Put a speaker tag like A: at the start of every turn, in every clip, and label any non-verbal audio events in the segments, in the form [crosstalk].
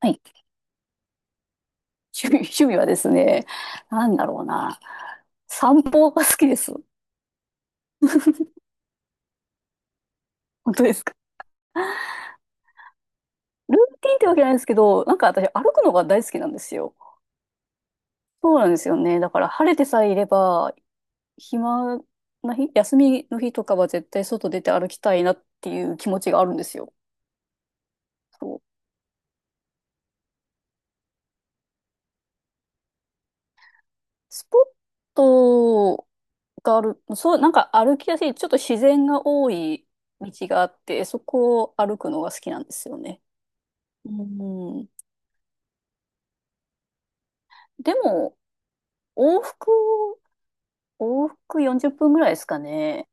A: はい。趣味、[laughs] 趣味はですね、なんだろうな。散歩が好きです。本当ですか。ルーティンってわけじゃないんですけど、なんか私歩くのが大好きなんですよ。そうなんですよね。だから晴れてさえいれば、暇な日、休みの日とかは絶対外出て歩きたいなっていう気持ちがあるんですよ。そう。スポットがある、そう、なんか歩きやすい、ちょっと自然が多い道があって、そこを歩くのが好きなんですよね。うん。でも、往復、往復40分ぐらいですかね。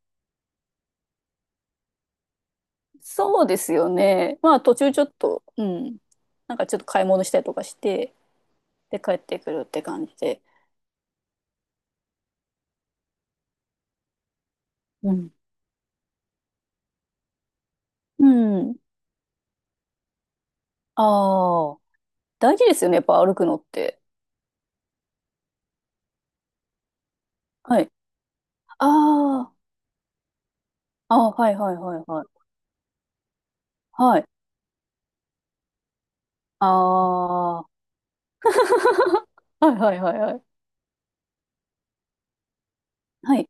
A: そうですよね。まあ途中ちょっと、うん。なんかちょっと買い物したりとかして、で帰ってくるって感じで。うん。うん。ああ、大事ですよね。やっぱ歩くのって。はい。ああ、ああ、はいはいはいはい。はい。ああ、[laughs] はいはいはいはい。はい。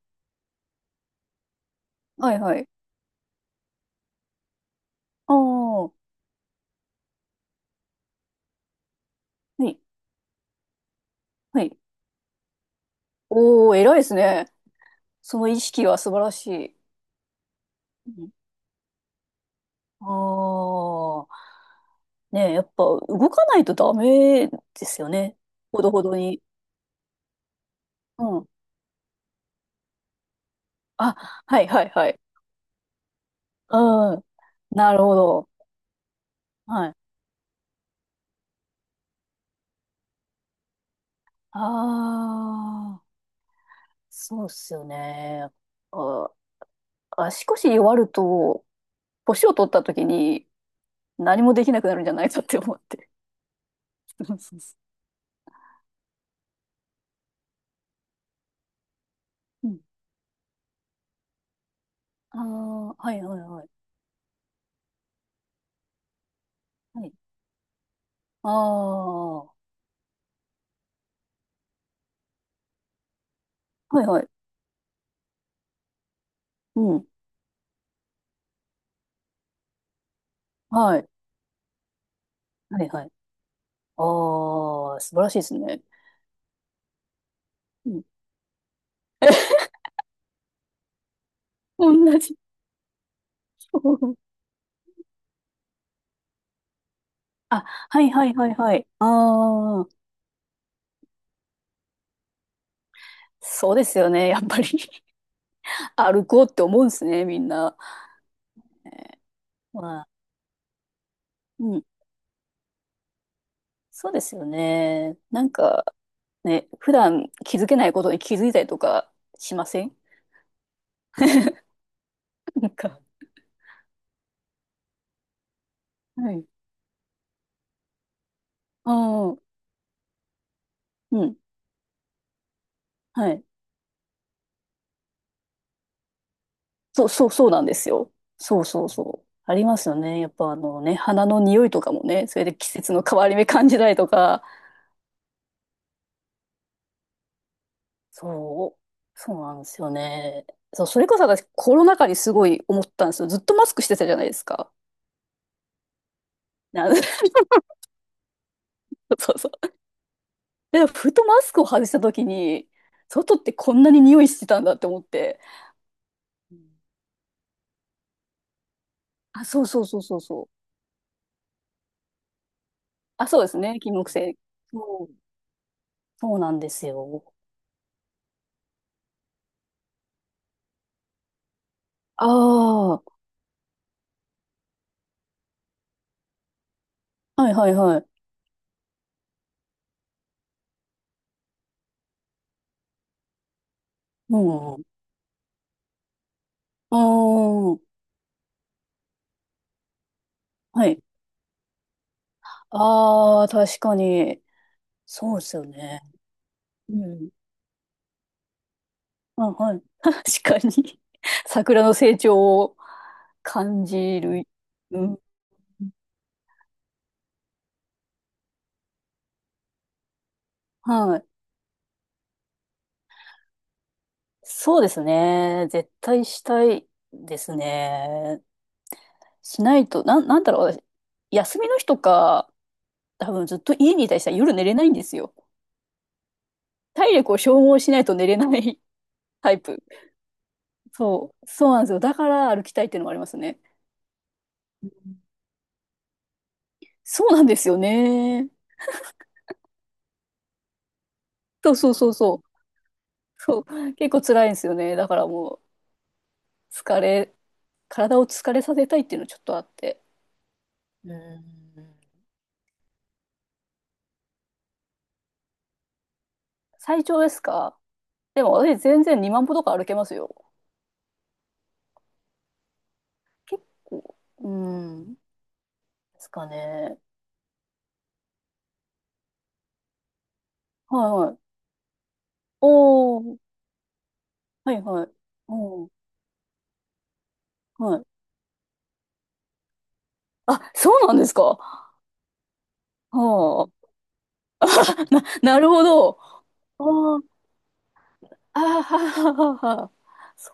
A: はいはい。ああ、はい。はい。おー、偉いですね。その意識は素晴らしい。ああ、ねえ、やっぱ動かないとダメですよね。ほどほどに。うん。あ、はいはいはい。うん。なるほど。はい。ああ、そうっすよね。あ、足腰弱ると、年を取った時に何もできなくなるんじゃないかって思って。[laughs] そうそうそう。うん。ああ、はいはいはい。はい。ああ、はいはい。うん。はい。はいはい。ああ、素晴らしいですね。うん [laughs] 同じ今日。あ、はいはいはいはい。ああ、そうですよね。やっぱり [laughs] 歩こうって思うんですね、みんな。えーまあ、うん。そうですよね。なんか、ね、普段気づけないことに気づいたりとかしません？ [laughs] なんか、はい。ああ、うん。はい。そうそうそうなんですよ。そうそうそう。ありますよね。やっぱあのね、花の匂いとかもね、それで季節の変わり目感じたりとか、そう、そうなんですよね。そう、それこそ私コロナ禍にすごい思ったんですよ。ずっとマスクしてたじゃないですか。な [laughs] そうそう。で、ふとマスクを外した時に、外ってこんなに匂いしてたんだって思って。うんあ、そうそうそうそうそう。あ、そうですね。金木犀。そう、そうなんですよ。ああ、はいはいはい。うん。うーん。はい。ああ、確かに。そうですよね。うんあ、はい。[laughs] 確かに。[laughs] 桜の成長を感じる。うん。はい。そうですね。絶対したいですね。しないと、なんだろう、私、休みの日とか、多分ずっと家にいたりしたら夜寝れないんですよ。体力を消耗しないと寝れない [laughs] タイプ。そう、そうなんですよ。だから歩きたいっていうのもありますね。うんそうなんですよね。そうそうそうそう。そう、結構辛いんですよね。だからもう、疲れ、体を疲れさせたいっていうのちょっとあって。うん。最長ですか？でも私全然2万歩とか歩けますよ。結構。うん。ですかね。はいはい。おー。はいはい。おーはい。あ、そうなんですか。はあ。なるほど。あーあー、ははははは。そ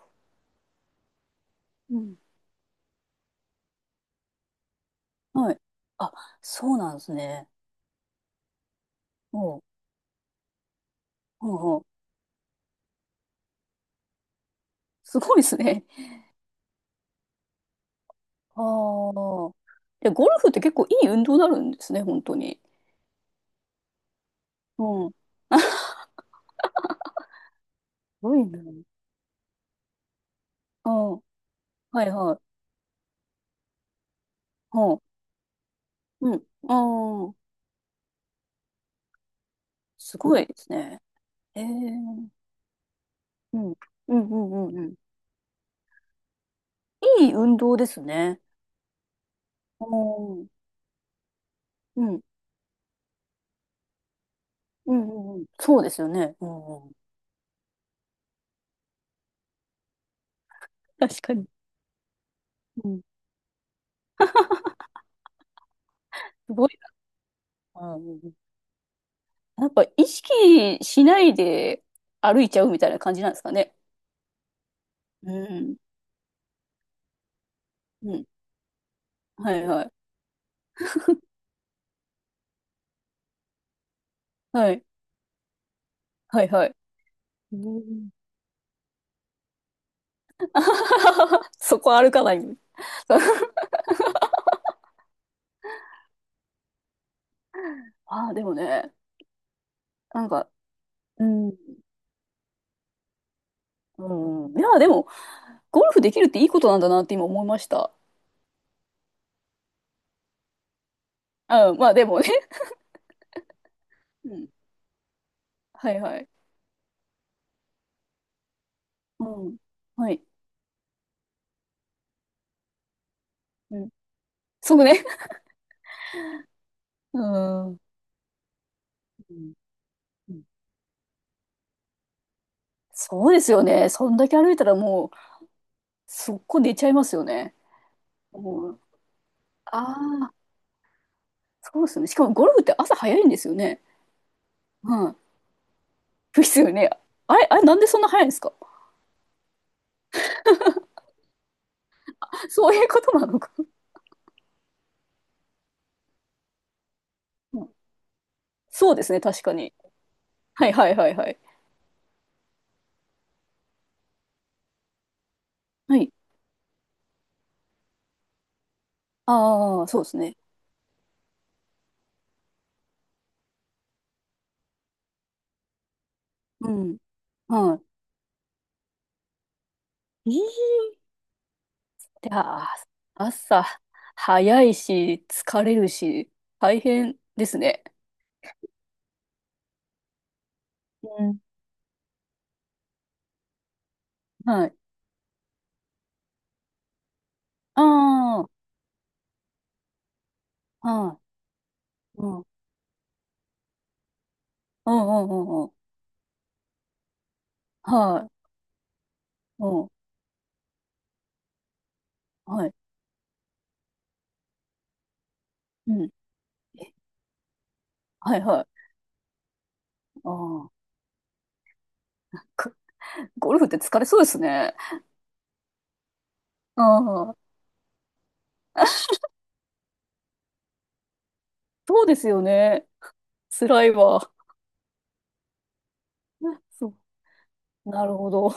A: う。うん。はい。あ、そうなんですね。おう。おうすごいですね。ああ。で、ゴルフって結構いい運動になるんですね、本当に。うん。すごいな。[laughs] ああ、はいはい。はあ、うん。ああ、すごいですね。ええうん。うんうんうんうん。いい運動ですね。ああ、うん。うんうんうん。そうですよね。うんうん。確かに。うん。すごい。うんうんうん。やっぱ意識しないで歩いちゃうみたいな感じなんですかね。うん。うん。はいはい。はい。はいはい。うん。[laughs] そこは歩かない。[laughs] ああ、でもね、なんか、うん、うん、いや、でも、ゴルフできるっていいことなんだなって今思いました。うん、まあでもね。うん。はいはい。うん。はい。うん。そうね。うん。うんうんそうですよね。そんだけ歩いたらもう、そこ寝ちゃいますよね。うん、ああ、そうですよね。しかもゴルフって朝早いんですよね。うん。ですよね。あれ、あれ、なんでそんな早いんですか？ [laughs] そういうことなのか、うん、そうですね、確かに。はいはいはいはい。はい。ああ、そうですね。うん。はい。えー、で、あ、朝早いし、疲れるし、大変ですね。うん。はい。ああ、はい。うん。うんうんうんうん。はい。うん。はい。うん。えはいはい。ああ。くゴルフって疲れそうですね。ああ。そうですよね。辛いわ。そう。なるほど。